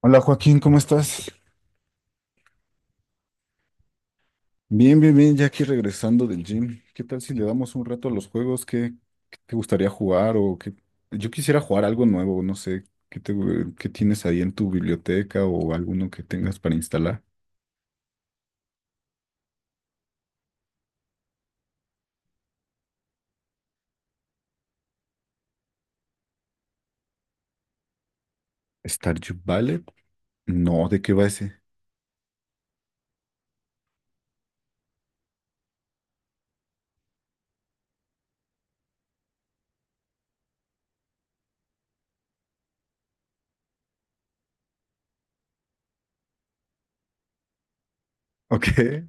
Hola Joaquín, ¿cómo estás? Bien, bien, bien, ya aquí regresando del gym. ¿Qué tal si le damos un rato a los juegos? ¿Qué te gustaría jugar? O qué. Yo quisiera jugar algo nuevo, no sé, ¿qué tienes ahí en tu biblioteca o alguno que tengas para instalar? ¿Stardew Valley? No, ¿de qué va ese? ¿Ok?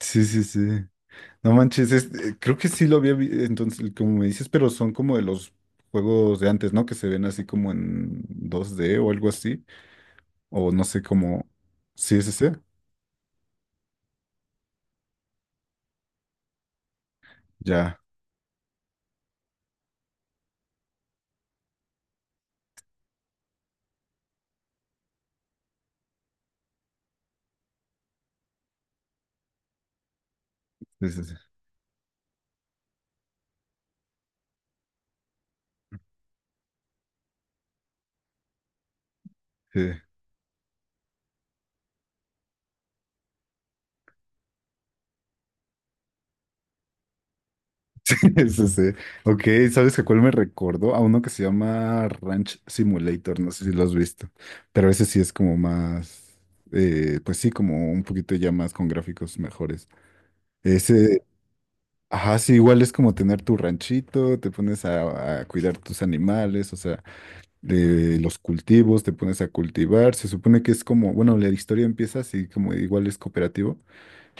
Sí, sí, sí. No manches, creo que sí lo había visto. Entonces, como me dices, pero son como de los juegos de antes, ¿no? Que se ven así como en 2D o algo así. O no sé cómo. Sí, sí, sí. Ya. Sí, sí, sí. Sí, sí, sí. Ok, ¿sabes a cuál me recordó? A uno que se llama Ranch Simulator, no sé si lo has visto, pero ese sí es como más, pues sí, como un poquito ya más con gráficos mejores. Ese, ajá, sí, igual es como tener tu ranchito, te pones a cuidar tus animales, o sea, de los cultivos, te pones a cultivar, se supone que es como, bueno, la historia empieza así como igual es cooperativo.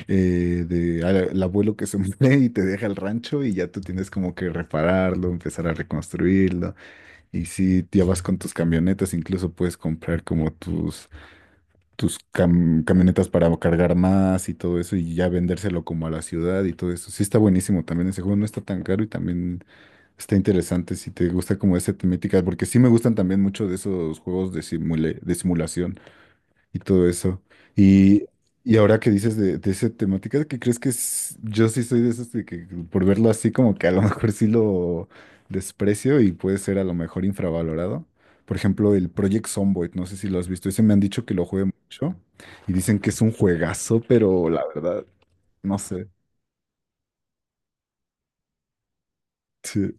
Al abuelo que se muere y te deja el rancho y ya tú tienes como que repararlo, empezar a reconstruirlo. Y si ya vas con tus camionetas, incluso puedes comprar como tus, camionetas para cargar más y todo eso y ya vendérselo como a la ciudad y todo eso. Sí está buenísimo también ese juego, no está tan caro y también está interesante si te gusta como esa temática, porque sí me gustan también mucho de esos juegos de de simulación y todo eso. Y, y ahora que dices de esa temática, ¿qué crees que es? Yo sí soy de esos de que por verlo así como que a lo mejor sí lo desprecio y puede ser a lo mejor infravalorado. Por ejemplo, el Project Zomboid, no sé si lo has visto, ese me han dicho que lo juegue mucho y dicen que es un juegazo, pero la verdad, no sé. Sí,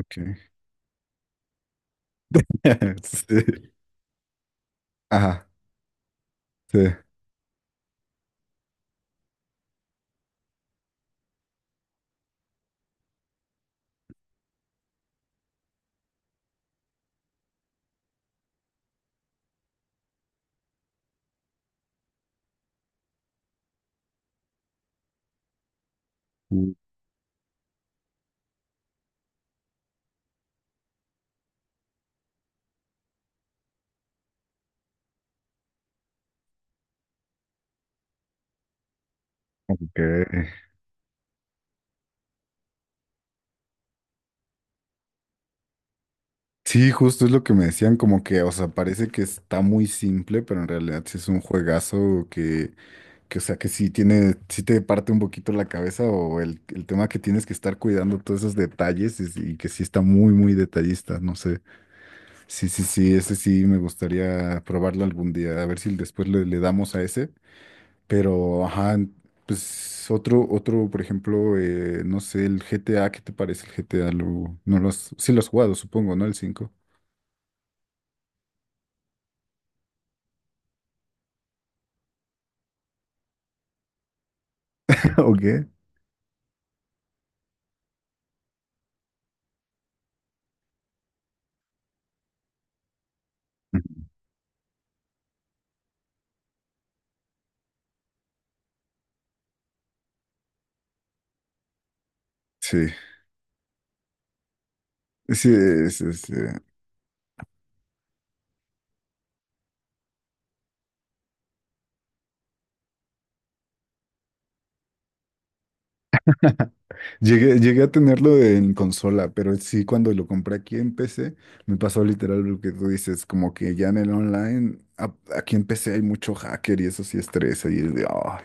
ok. Sí. Ajá, sí. Uh, ok. Sí, justo es lo que me decían, como que, o sea, parece que está muy simple, pero en realidad sí es un juegazo que, que sí tiene, sí te parte un poquito la cabeza o el tema que tienes que estar cuidando todos esos detalles y, que sí está muy, muy detallista, no sé. Sí, sí, sí, ese sí me gustaría probarlo algún día, a ver si después le damos a ese, pero, ajá, pues por ejemplo, no sé, el GTA, ¿qué te parece el GTA? No lo has, sí lo has jugado, supongo, ¿no? El cinco. ¿O qué? Sí, sí, llegué a tenerlo en consola, pero sí cuando lo compré aquí en PC, me pasó literal lo que tú dices, como que ya en el online, aquí en PC hay mucho hacker y eso sí estresa y es de: "Ay,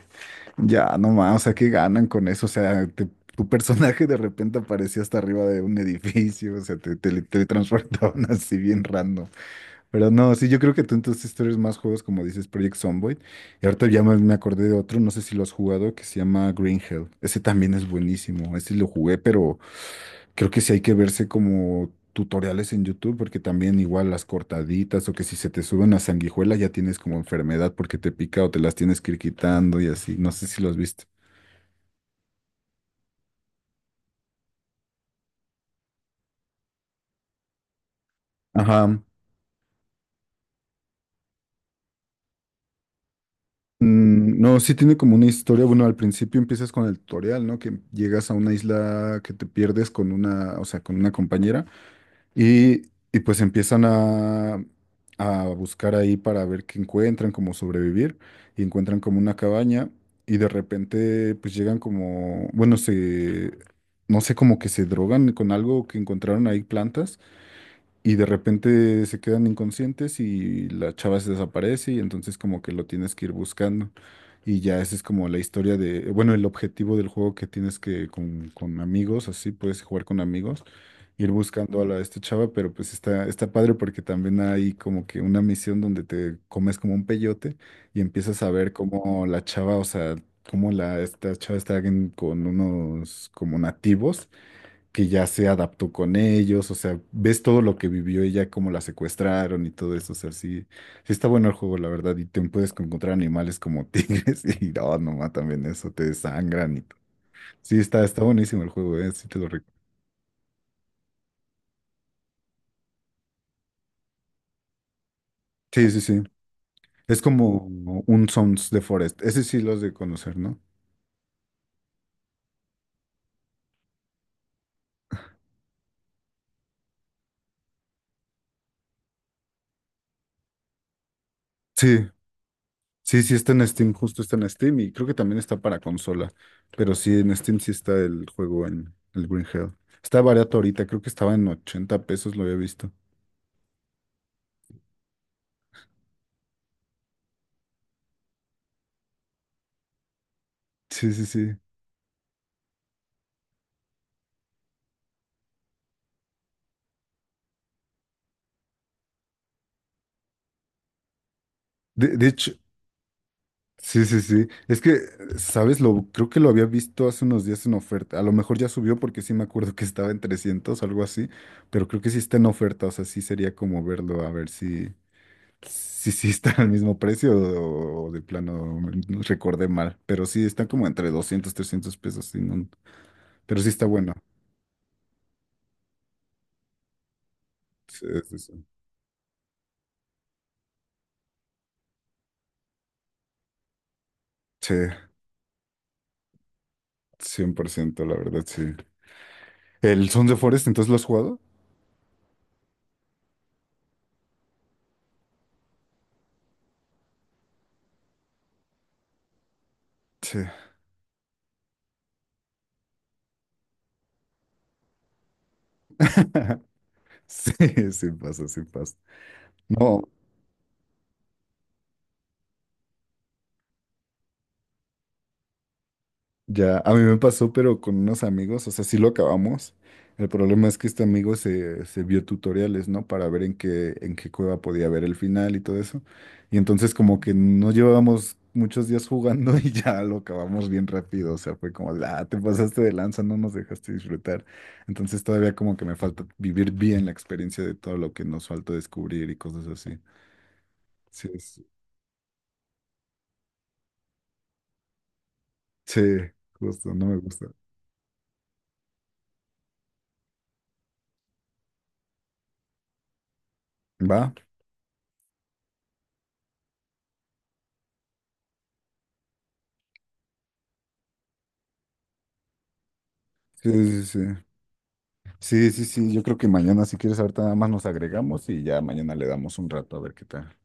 ya no más, o sea, ¿qué ganan con eso? O sea, tu personaje de repente apareció hasta arriba de un edificio, o sea, te transportaban así bien random". Pero no, sí, yo creo que tú entonces tú eres más juegos como dices Project Zomboid. Y ahorita ya me acordé de otro, no sé si lo has jugado, que se llama Green Hell. Ese también es buenísimo. Ese lo jugué, pero creo que sí hay que verse como tutoriales en YouTube, porque también igual las cortaditas o que si se te sube una sanguijuela ya tienes como enfermedad porque te pica o te las tienes que ir quitando y así. No sé si lo has visto. Ajá. Mm, no, sí tiene como una historia. Bueno, al principio empiezas con el tutorial, ¿no? Que llegas a una isla que te pierdes con una, o sea, con una compañera. Y, y pues empiezan a buscar ahí para ver qué encuentran, cómo sobrevivir, y encuentran como una cabaña, y de repente pues llegan como, bueno, se, no sé, como que se drogan con algo que encontraron ahí plantas, y de repente se quedan inconscientes y la chava se desaparece, y entonces como que lo tienes que ir buscando. Y ya esa es como la historia de, bueno, el objetivo del juego que tienes que con, amigos, así puedes jugar con amigos ir buscando a esta chava, pero pues está padre porque también hay como que una misión donde te comes como un peyote y empiezas a ver cómo la chava, o sea, cómo esta chava está con unos como nativos que ya se adaptó con ellos, o sea, ves todo lo que vivió ella, cómo la secuestraron y todo eso, o sea, sí, sí está bueno el juego, la verdad, y te puedes encontrar animales como tigres y oh, no, nomás también eso, te desangran y todo. Sí, está, buenísimo el juego, sí te lo recuerdo. Sí, sí, sí. Es como un Sons de Forest. Ese sí los de conocer, ¿no? Sí, sí, sí está en Steam, justo está en Steam y creo que también está para consola. Pero sí, en Steam sí está el juego en el Green Hell. Está barato ahorita, creo que estaba en 80 pesos, lo había visto. Sí, sí, sí. De hecho, sí, sí, sí. Es que, ¿sabes? Creo que lo había visto hace unos días en oferta. A lo mejor ya subió porque sí me acuerdo que estaba en 300, algo así. Pero creo que sí está en oferta, o sea, sí sería como verlo, a ver si. Sí, sí, están al mismo precio o de plano no recordé mal, pero sí están como entre 200 300 pesos, sí, no, pero sí está bueno. Sí, sí, sí. Sí, 100%, la verdad, sí. ¿El Sons of Forest, entonces lo has jugado? Sí. Sí, sí pasa, sí pasa. No, ya, a mí me pasó, pero con unos amigos, o sea, sí lo acabamos. El problema es que este amigo se vio tutoriales, ¿no? Para ver en qué, cueva podía ver el final y todo eso. Y entonces como que no llevábamos muchos días jugando y ya lo acabamos bien rápido. O sea, fue como, de, ah, te pasaste de lanza, no nos dejaste disfrutar. Entonces todavía como que me falta vivir bien la experiencia de todo lo que nos falta descubrir y cosas así. Sí, sí, justo, no me gusta. ¿Va? Sí, sí, sí. Sí, sí, sí, yo creo que mañana, si quieres, ahorita nada más nos agregamos y ya mañana le damos un rato a ver qué tal.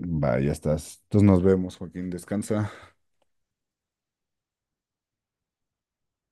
Va, ya estás. Entonces nos vemos, Joaquín, descansa.